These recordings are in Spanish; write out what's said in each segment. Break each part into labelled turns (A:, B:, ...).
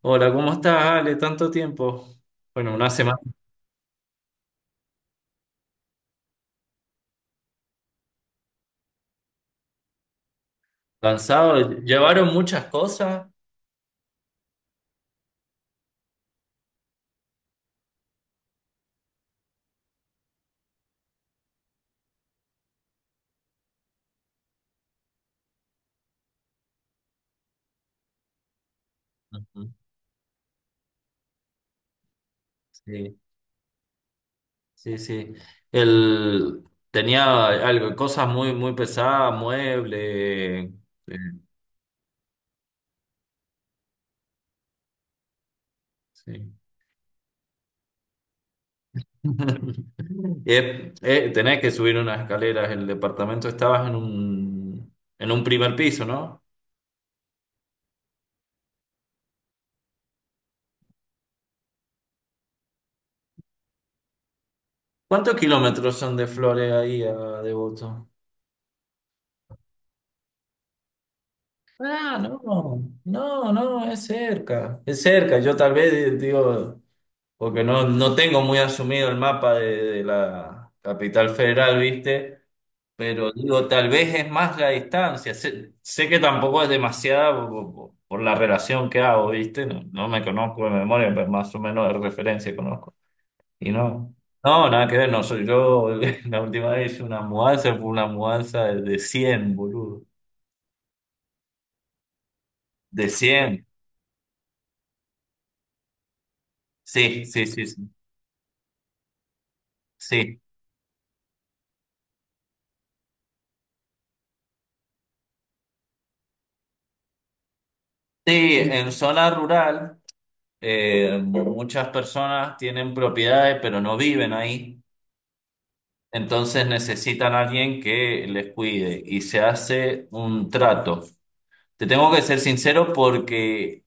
A: Hola, ¿cómo estás, Ale? Tanto tiempo. Bueno, una semana cansado. Llevaron muchas cosas. Ujú. Sí, sí. El, tenía algo, cosas muy, muy pesadas, muebles. eh, sí. Tenés que subir unas escaleras. El departamento estabas en en un primer piso, ¿no? ¿Cuántos kilómetros son de Flores ahí a Devoto? Ah, no, es cerca, es cerca. Yo tal vez digo, porque no tengo muy asumido el mapa de la capital federal, ¿viste? Pero digo, tal vez es más la distancia. Sé que tampoco es demasiada por la relación que hago, ¿viste? No me conozco de memoria, pero más o menos de referencia conozco. Y no, nada que ver, no soy yo. La última vez hice una mudanza, fue una mudanza de 100, boludo. De cien. Sí. Sí, sí, en zona rural. Muchas personas tienen propiedades, pero no viven ahí. Entonces necesitan a alguien que les cuide y se hace un trato. Te tengo que ser sincero porque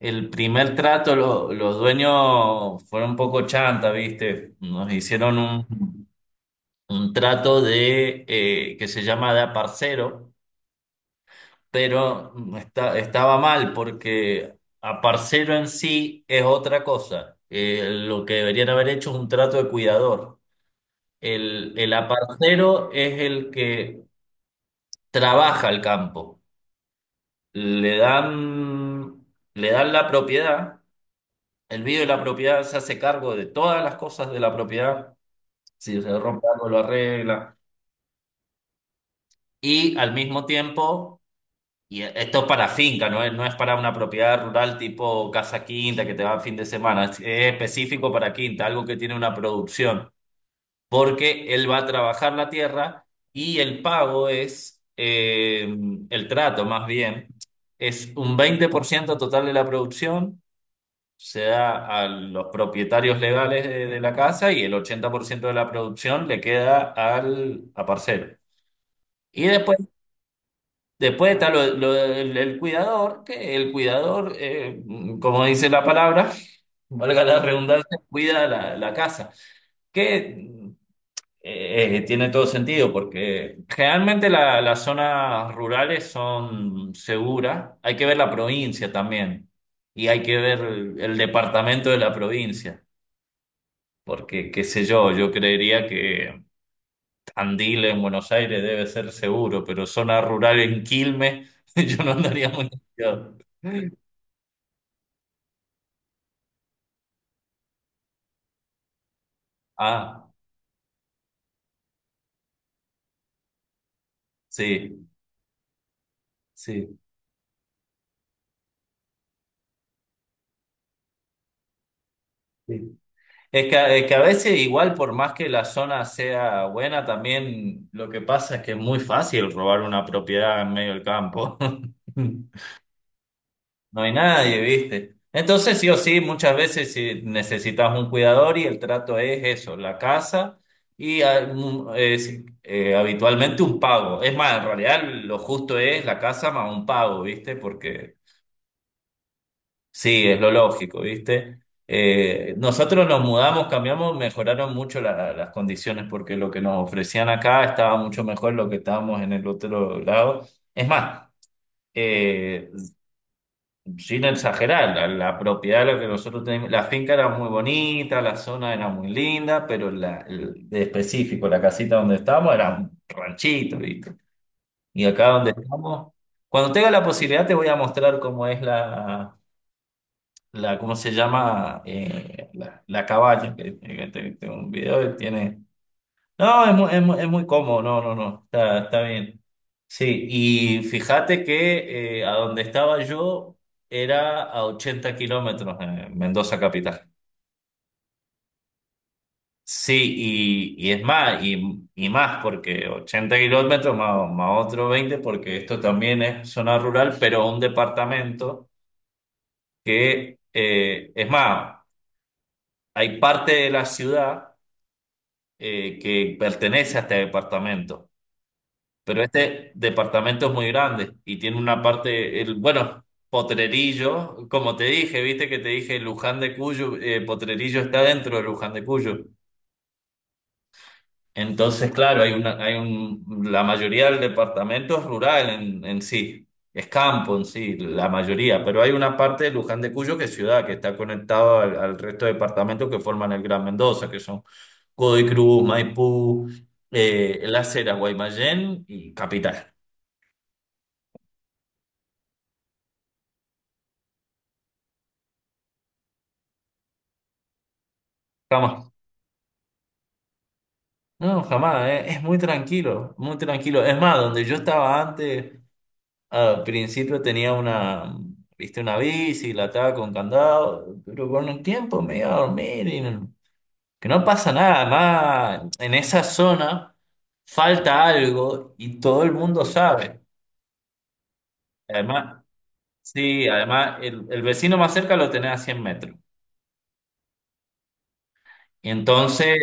A: el primer trato los dueños fueron un poco chanta, ¿viste? Nos hicieron un trato de que se llama de aparcero, pero estaba mal porque a en sí es otra cosa. Lo que deberían haber hecho es un trato de cuidador. El aparcero es el que trabaja el campo. Le dan, le dan la propiedad, el vive la propiedad, se hace cargo de todas las cosas de la propiedad. Si se rompe algo, lo arregla. Y al mismo tiempo, y esto es para finca, no es para una propiedad rural tipo casa quinta que te va a fin de semana. Es específico para quinta, algo que tiene una producción, porque él va a trabajar la tierra y el pago es, el trato más bien, es un 20% total de la producción, se da a los propietarios legales de la casa y el 80% de la producción le queda al a parcero. Y después, después está el cuidador, que el cuidador, como dice la palabra, valga la redundancia, cuida la casa, que tiene todo sentido, porque generalmente las zonas rurales son seguras, hay que ver la provincia también, y hay que ver el departamento de la provincia, porque qué sé yo, yo creería que Andil en Buenos Aires debe ser seguro, pero zona rural en Quilmes, yo no andaría muy confiado. Ah, sí, sí, sí. Es que a veces, igual, por más que la zona sea buena, también lo que pasa es que es muy fácil robar una propiedad en medio del campo. No hay nadie, ¿viste? Entonces, sí o sí, muchas veces si necesitas un cuidador y el trato es eso, la casa y habitualmente un pago. Es más, en realidad lo justo es la casa más un pago, ¿viste? Porque sí, es lo lógico, ¿viste? Nosotros nos mudamos, cambiamos, mejoraron mucho las condiciones porque lo que nos ofrecían acá estaba mucho mejor lo que estábamos en el otro lado. Es más, eh, sin exagerar, la propiedad de la que nosotros teníamos, la finca era muy bonita, la zona era muy linda, pero de específico, la casita donde estábamos era un ranchito, ¿viste? Y acá donde estamos, cuando tenga la posibilidad te voy a mostrar cómo es la ¿cómo se llama? La cabaña, tengo un video que tiene, no, es muy cómodo, no, está bien. Sí, y fíjate que a donde estaba yo era a 80 kilómetros, en Mendoza capital. Sí, y más, porque 80 kilómetros más, más otro 20 porque esto también es zona rural, pero un departamento que, es más, hay parte de la ciudad que pertenece a este departamento. Pero este departamento es muy grande y tiene una parte, bueno, Potrerillo, como te dije, viste que te dije Luján de Cuyo, Potrerillo está dentro de Luján de Cuyo. Entonces, claro, hay una, hay un, la mayoría del departamento es rural en sí, es campo en sí, la mayoría, pero hay una parte de Luján de Cuyo que es ciudad, que está conectado al resto de departamentos que forman el Gran Mendoza, que son Godoy Cruz, Maipú, Las Heras, Guaymallén y Capital. Estamos no, jamás, es muy tranquilo, muy tranquilo. Es más, donde yo estaba antes, al principio tenía viste, una bici, la estaba con candado, pero con el tiempo me iba a dormir y no, que no pasa nada. Además, en esa zona falta algo y todo el mundo sabe. Además, sí, además, el vecino más cerca lo tenés a 100 metros. Y entonces,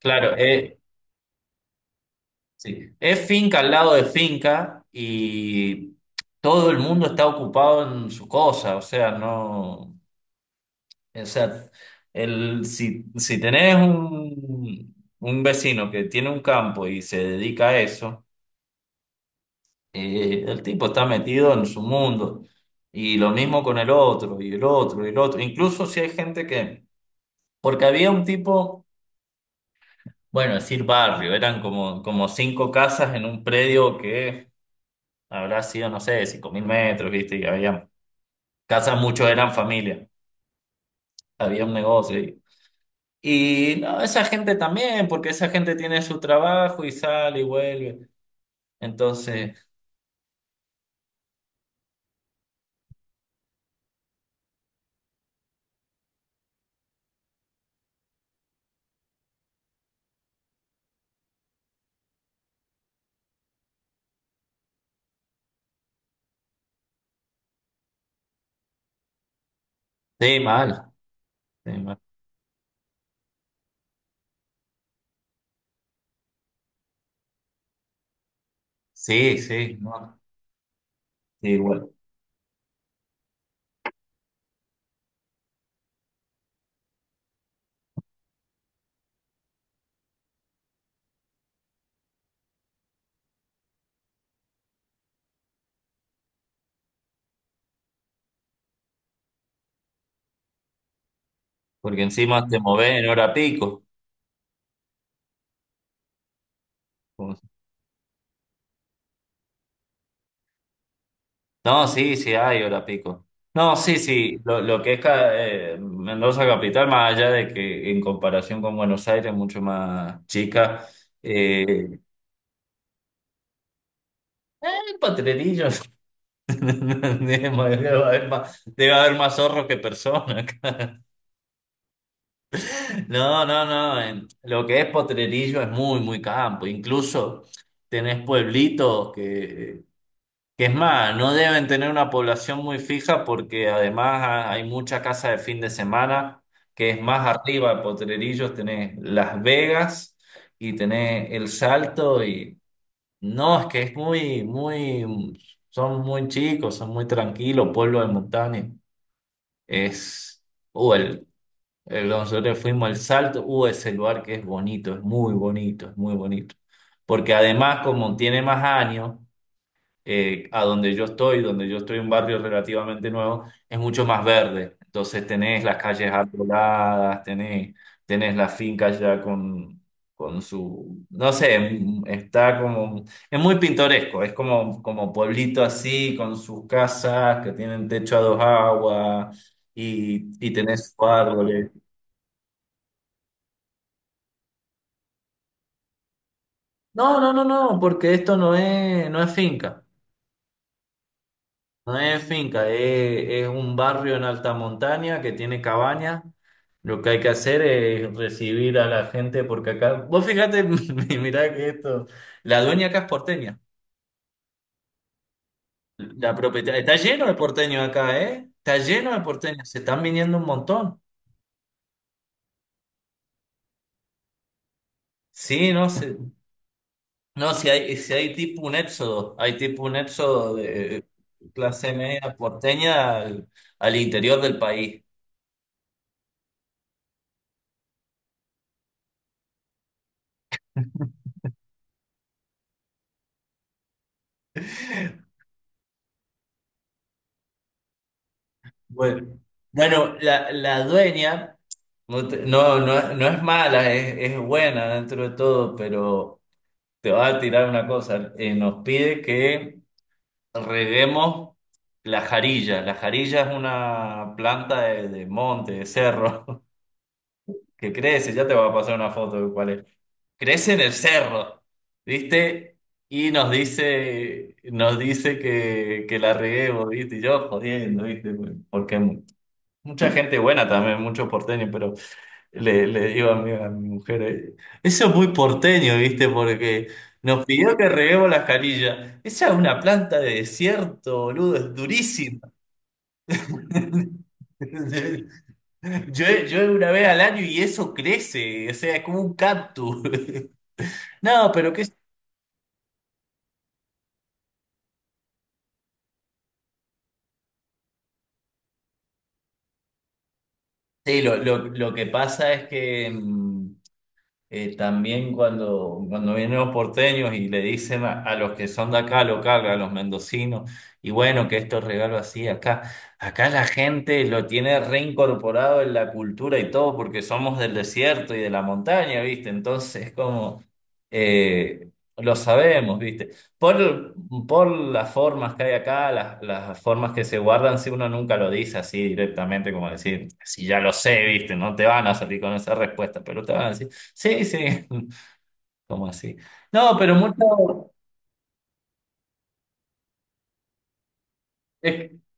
A: claro, sí, es finca al lado de finca y todo el mundo está ocupado en su cosa, o sea, no, o sea, si, si tenés un vecino que tiene un campo y se dedica a eso, el tipo está metido en su mundo y lo mismo con el otro y el otro y el otro, incluso si hay gente que, porque había un tipo, bueno, decir barrio, eran como, como cinco casas en un predio que habrá sido, no sé, cinco mil metros, ¿viste? Y había casas, muchos eran familia, había un negocio. No, esa gente también, porque esa gente tiene su trabajo y sale y vuelve. Entonces, sí, mal, sí, mal. Sí, sí, no, sí, bueno, porque encima te mueves en hora pico. No, sí, sí, hay hora pico. No, sí, sí, lo que es Mendoza capital, más allá de que en comparación con Buenos Aires, mucho más chica, eh, hay potrerillos. Debe haber más zorros que personas. No, no, no. Lo que es Potrerillo es muy, muy campo. Incluso tenés pueblitos que es más, no deben tener una población muy fija porque además hay mucha casa de fin de semana que es más arriba de Potrerillos. Tenés Las Vegas y tenés El Salto y no, es que es muy, muy, son muy chicos, son muy tranquilos, pueblos de montaña. Es, uh, el, Nosotros fuimos al Salto, ese lugar que es bonito, es muy bonito. Porque además, como tiene más años, a donde yo estoy un barrio relativamente nuevo, es mucho más verde. Entonces tenés las calles arboladas, tenés, tenés la finca ya con su, no sé, es muy pintoresco, es como, como pueblito así, con sus casas que tienen techo a dos aguas y tenés sus árboles. No, porque esto no es, no es finca. No es finca, es un barrio en alta montaña que tiene cabañas. Lo que hay que hacer es recibir a la gente porque acá, vos fíjate, mirá que esto, la dueña acá es porteña, la propietaria, está lleno de porteños acá, ¿eh? Está lleno de porteños, se están viniendo un montón. Sí, no sé, no, si hay tipo un éxodo, hay tipo un éxodo de clase media porteña al interior del país. Bueno, la dueña no, no es no es mala, es buena dentro de todo, pero te va a tirar una cosa. Nos pide que reguemos la jarilla. La jarilla es una planta de monte, de cerro, que crece. Ya te voy a pasar una foto de cuál es. Crece en el cerro, ¿viste? Nos dice que la reguemos, ¿viste? Y yo jodiendo, ¿viste? Porque mucha gente buena también, muchos porteños, pero... Le digo a mi mujer, eso es muy porteño, ¿viste? Porque nos pidió que reguemos las canillas. Esa es una planta de desierto, boludo, es durísima. Yo una vez al año y eso crece, o sea, es como un cactus. No, pero qué... Sí, lo que pasa es que... también cuando, cuando vienen los porteños y le dicen a los que son de acá, local, a los mendocinos, y bueno, que estos regalos así, acá, acá la gente lo tiene reincorporado en la cultura y todo, porque somos del desierto y de la montaña, ¿viste? Entonces es como, eh, lo sabemos, ¿viste? Por, por las formas que hay acá, las formas que se guardan, si uno nunca lo dice así directamente, como decir, si ya lo sé, ¿viste? No te van a salir con esa respuesta, pero te van a decir. Sí, sí, como así. No, pero mucho. es-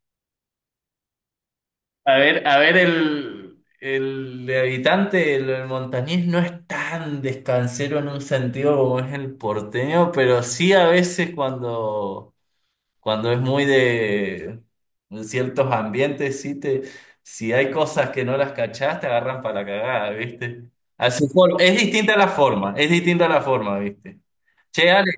A: a ver, a ver, el montañés no es tan descansero en un sentido como es el porteño, pero sí a veces cuando, cuando es muy de ciertos ambientes, sí te, si hay cosas que no las cachás, te agarran para la cagada, ¿viste? Es distinta la forma, es distinta la forma, ¿viste? Che, Ale,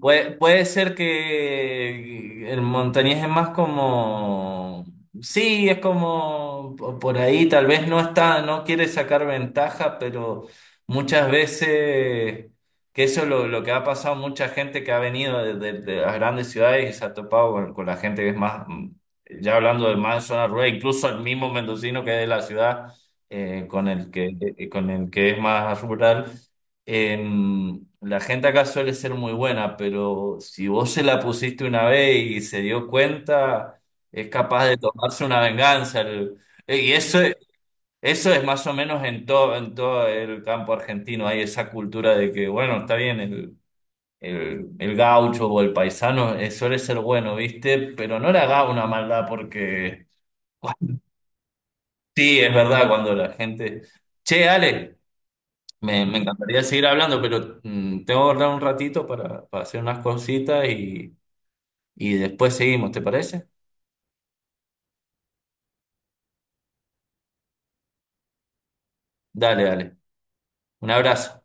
A: puede, puede ser que el montañés es más como, sí, es como por ahí, tal vez no está, no quiere sacar ventaja, pero muchas veces, que eso es lo que ha pasado, mucha gente que ha venido de las grandes ciudades y se ha topado con la gente que es más, ya hablando de más zona rural, incluso el mismo mendocino que es de la ciudad, con el que es más rural. La gente acá suele ser muy buena, pero si vos se la pusiste una vez y se dio cuenta, es capaz de tomarse una venganza. Y eso, eso es más o menos en todo el campo argentino. Hay esa cultura de que, bueno, está bien, el gaucho o el paisano suele ser bueno, ¿viste? Pero no le haga una maldad porque, sí, es verdad, cuando la gente... Che, Ale. Me encantaría seguir hablando, pero tengo que guardar un ratito para hacer unas cositas y después seguimos, ¿te parece? Dale, dale. Un abrazo.